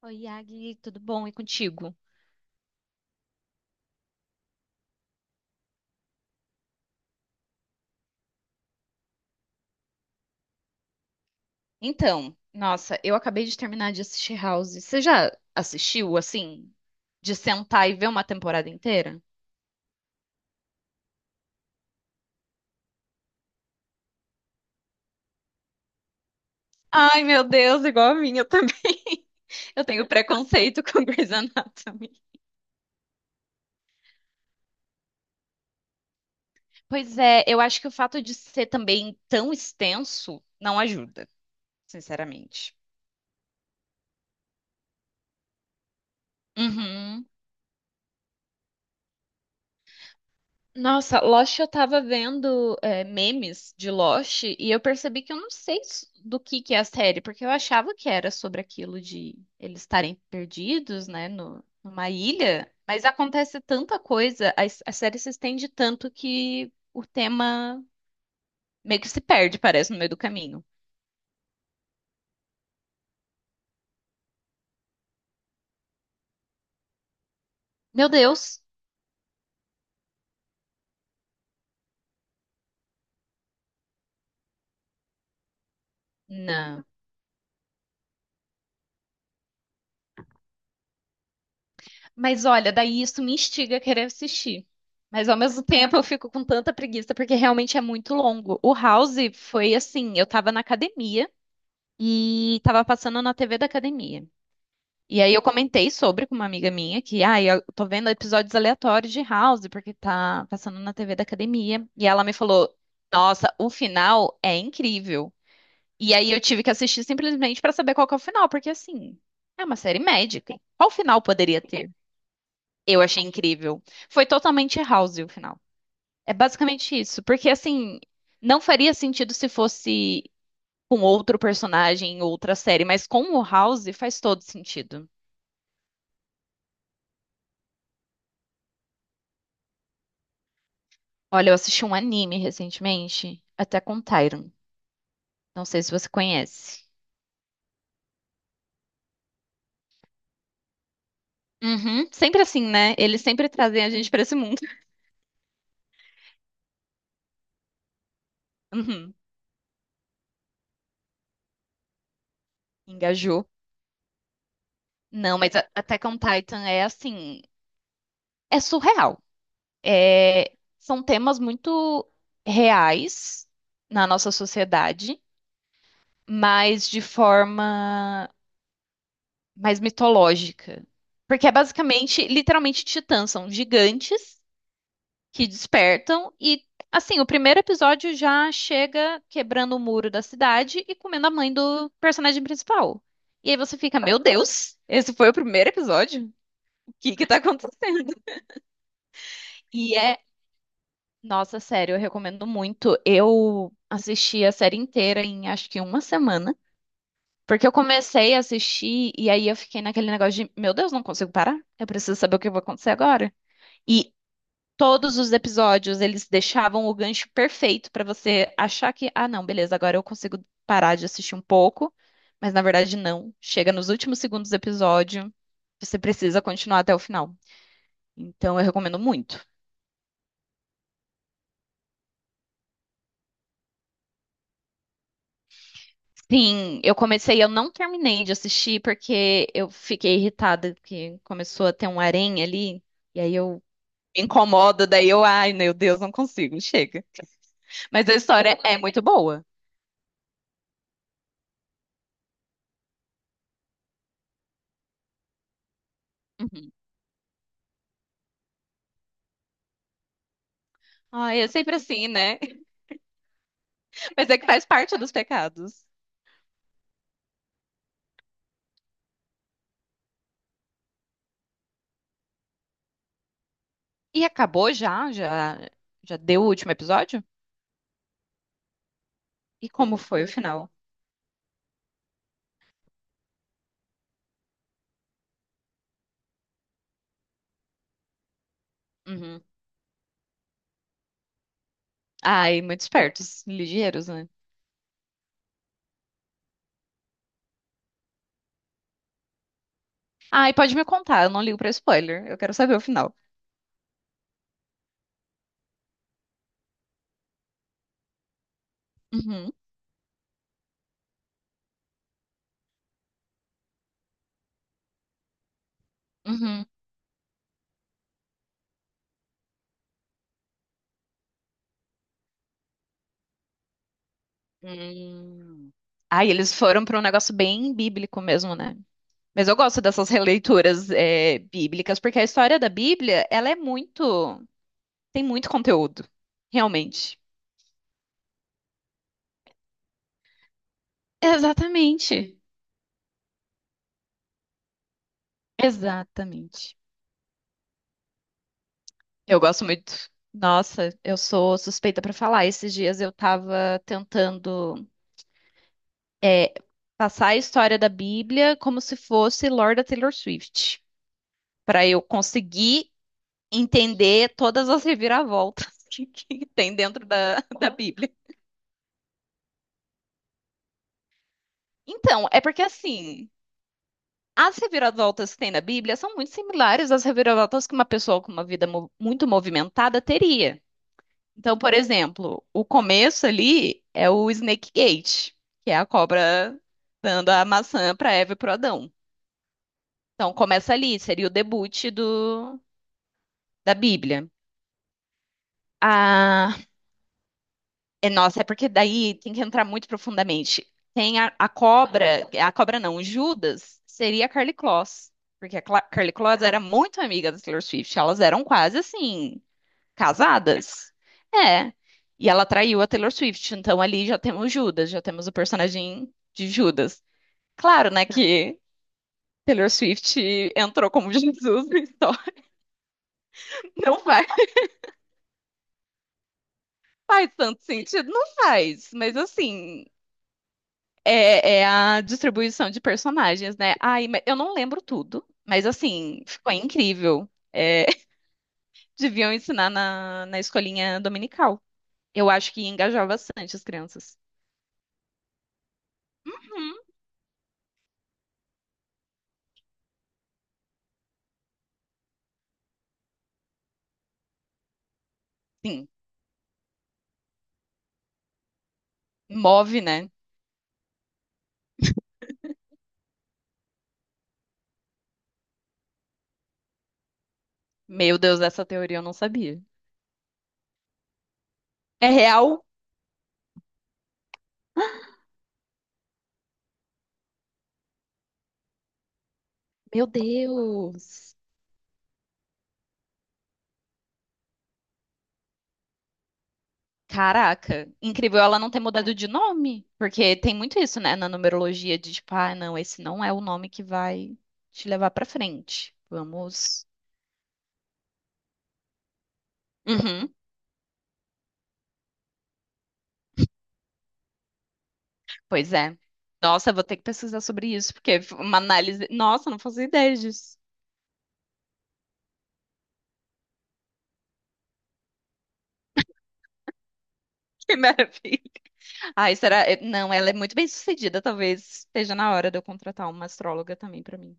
Oi, Yagi, tudo bom? E contigo? Então, nossa, eu acabei de terminar de assistir House. Você já assistiu, assim, de sentar e ver uma temporada inteira? Ai, meu Deus, igual a minha também. Eu tenho preconceito com Grey's Anatomy. Pois é, eu acho que o fato de ser também tão extenso não ajuda, sinceramente. Uhum. Nossa, Lost eu tava vendo memes de Lost e eu percebi que eu não sei do que é a série, porque eu achava que era sobre aquilo de eles estarem perdidos, né, no, numa ilha, mas acontece tanta coisa, a série se estende tanto que o tema meio que se perde, parece, no meio do caminho. Meu Deus! Não. Mas olha, daí isso me instiga a querer assistir. Mas ao mesmo tempo eu fico com tanta preguiça porque realmente é muito longo. O House foi assim, eu tava na academia e tava passando na TV da academia. E aí eu comentei sobre com uma amiga minha que, ah, eu tô vendo episódios aleatórios de House porque tá passando na TV da academia. E ela me falou, nossa, o final é incrível. E aí eu tive que assistir simplesmente pra saber qual que é o final, porque assim, é uma série médica. Qual final poderia ter? Eu achei incrível. Foi totalmente House o final. É basicamente isso. Porque, assim, não faria sentido se fosse com outro personagem em outra série, mas com o House faz todo sentido. Olha, eu assisti um anime recentemente, até com Tyron. Não sei se você conhece. Uhum. Sempre assim, né? Eles sempre trazem a gente pra esse mundo. Uhum. Engajou. Não, mas Attack on Titan é assim. É surreal. É, são temas muito reais na nossa sociedade, mas de forma mais mitológica. Porque é basicamente, literalmente, titãs, são gigantes que despertam e, assim, o primeiro episódio já chega quebrando o muro da cidade e comendo a mãe do personagem principal. E aí você fica, meu Deus, esse foi o primeiro episódio? O que que tá acontecendo? E é Nossa, sério, eu recomendo muito. Eu assisti a série inteira em acho que uma semana, porque eu comecei a assistir e aí eu fiquei naquele negócio de, meu Deus, não consigo parar. Eu preciso saber o que vai acontecer agora. E todos os episódios eles deixavam o gancho perfeito pra você achar que, ah, não, beleza, agora eu consigo parar de assistir um pouco, mas na verdade não. Chega nos últimos segundos do episódio, você precisa continuar até o final. Então eu recomendo muito. Sim, eu comecei, eu não terminei de assistir porque eu fiquei irritada que começou a ter um harém ali, e aí eu me incomodo, ai, meu Deus, não consigo, chega. Mas a história é muito boa. Uhum. Ai, é sempre assim, né? Mas é que faz parte dos pecados. E acabou já? Já deu o último episódio? E como foi o final? Uhum. Ai, muito espertos, ligeiros, né? Ai, pode me contar, eu não ligo pra spoiler, eu quero saber o final. Uhum. Uhum. Hum. Ah, e eles foram para um negócio bem bíblico mesmo, né? Mas eu gosto dessas releituras bíblicas, porque a história da Bíblia, ela é muito, tem muito conteúdo, realmente. Exatamente. Exatamente. Eu gosto muito. Nossa, eu sou suspeita para falar. Esses dias eu tava tentando é, passar a história da Bíblia como se fosse Lorda Taylor Swift, para eu conseguir entender todas as reviravoltas que tem dentro da Bíblia. Então, é porque assim, as reviravoltas que tem na Bíblia são muito similares às reviravoltas que uma pessoa com uma vida muito movimentada teria. Então, por exemplo, o começo ali é o Snake Gate, que é a cobra dando a maçã para Eva e para Adão. Então, começa ali, seria o debut da Bíblia. A É, nossa, é porque daí tem que entrar muito profundamente. Tem a cobra, a cobra não, o Judas seria a Carly Kloss, porque Carly Kloss era muito amiga da Taylor Swift, elas eram quase assim, casadas. É, e ela traiu a Taylor Swift, então ali já temos Judas, já temos o personagem de Judas. Claro, né, que Taylor Swift entrou como Jesus, então não faz, faz tanto sentido, não faz, mas assim, É, é a distribuição de personagens, né? Ai, mas eu não lembro tudo, mas assim, ficou incrível. Deviam ensinar na escolinha dominical. Eu acho que engajava bastante as crianças. Uhum. Sim, move, né? Meu Deus, essa teoria eu não sabia. É real? Meu Deus! Caraca, incrível ela não ter mudado de nome, porque tem muito isso, né, na numerologia de tipo, ah, não, esse não é o nome que vai te levar pra frente. Vamos. Uhum. Pois é. Nossa, eu vou ter que pesquisar sobre isso, porque é uma análise. Nossa, não fazia ideia disso. Que maravilha. Ai, será? Não, ela é muito bem sucedida. Talvez esteja na hora de eu contratar uma astróloga também pra mim.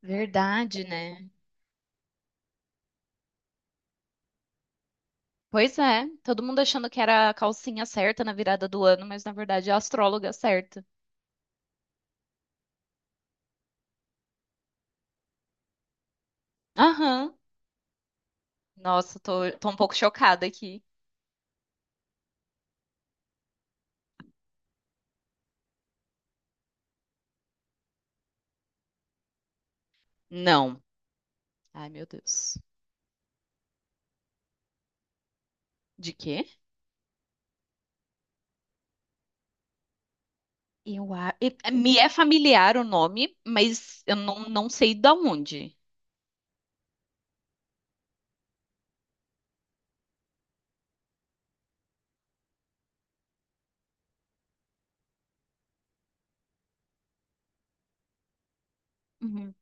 Verdade, né? Pois é. Todo mundo achando que era a calcinha certa na virada do ano, mas na verdade é a astróloga certa. Aham. Nossa, tô um pouco chocada aqui. Não. Ai, meu Deus. De quê? Eu, me é familiar o nome, mas eu não sei da onde. Uhum.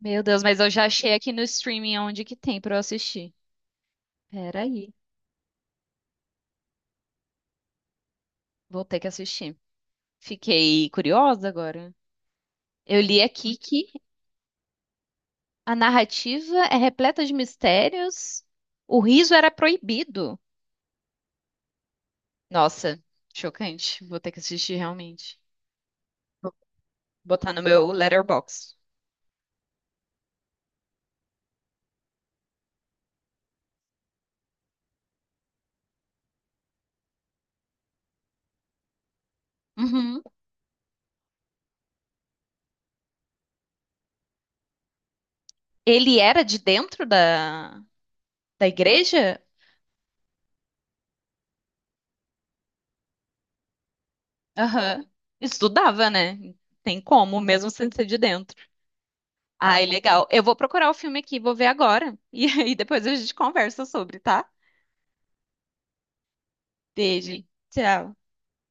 Meu Deus, mas eu já achei aqui no streaming onde que tem pra eu assistir. Peraí, vou ter que assistir. Fiquei curiosa agora. Eu li aqui que a narrativa é repleta de mistérios. O riso era proibido. Nossa, chocante. Vou ter que assistir realmente. Botar no meu Letterboxd. Uhum. Ele era de dentro da igreja? Aham. Estudava, né? Tem como, mesmo sem ser de dentro. Ai, legal. Eu vou procurar o filme aqui, vou ver agora. E aí depois a gente conversa sobre, tá? Beijo. Tchau.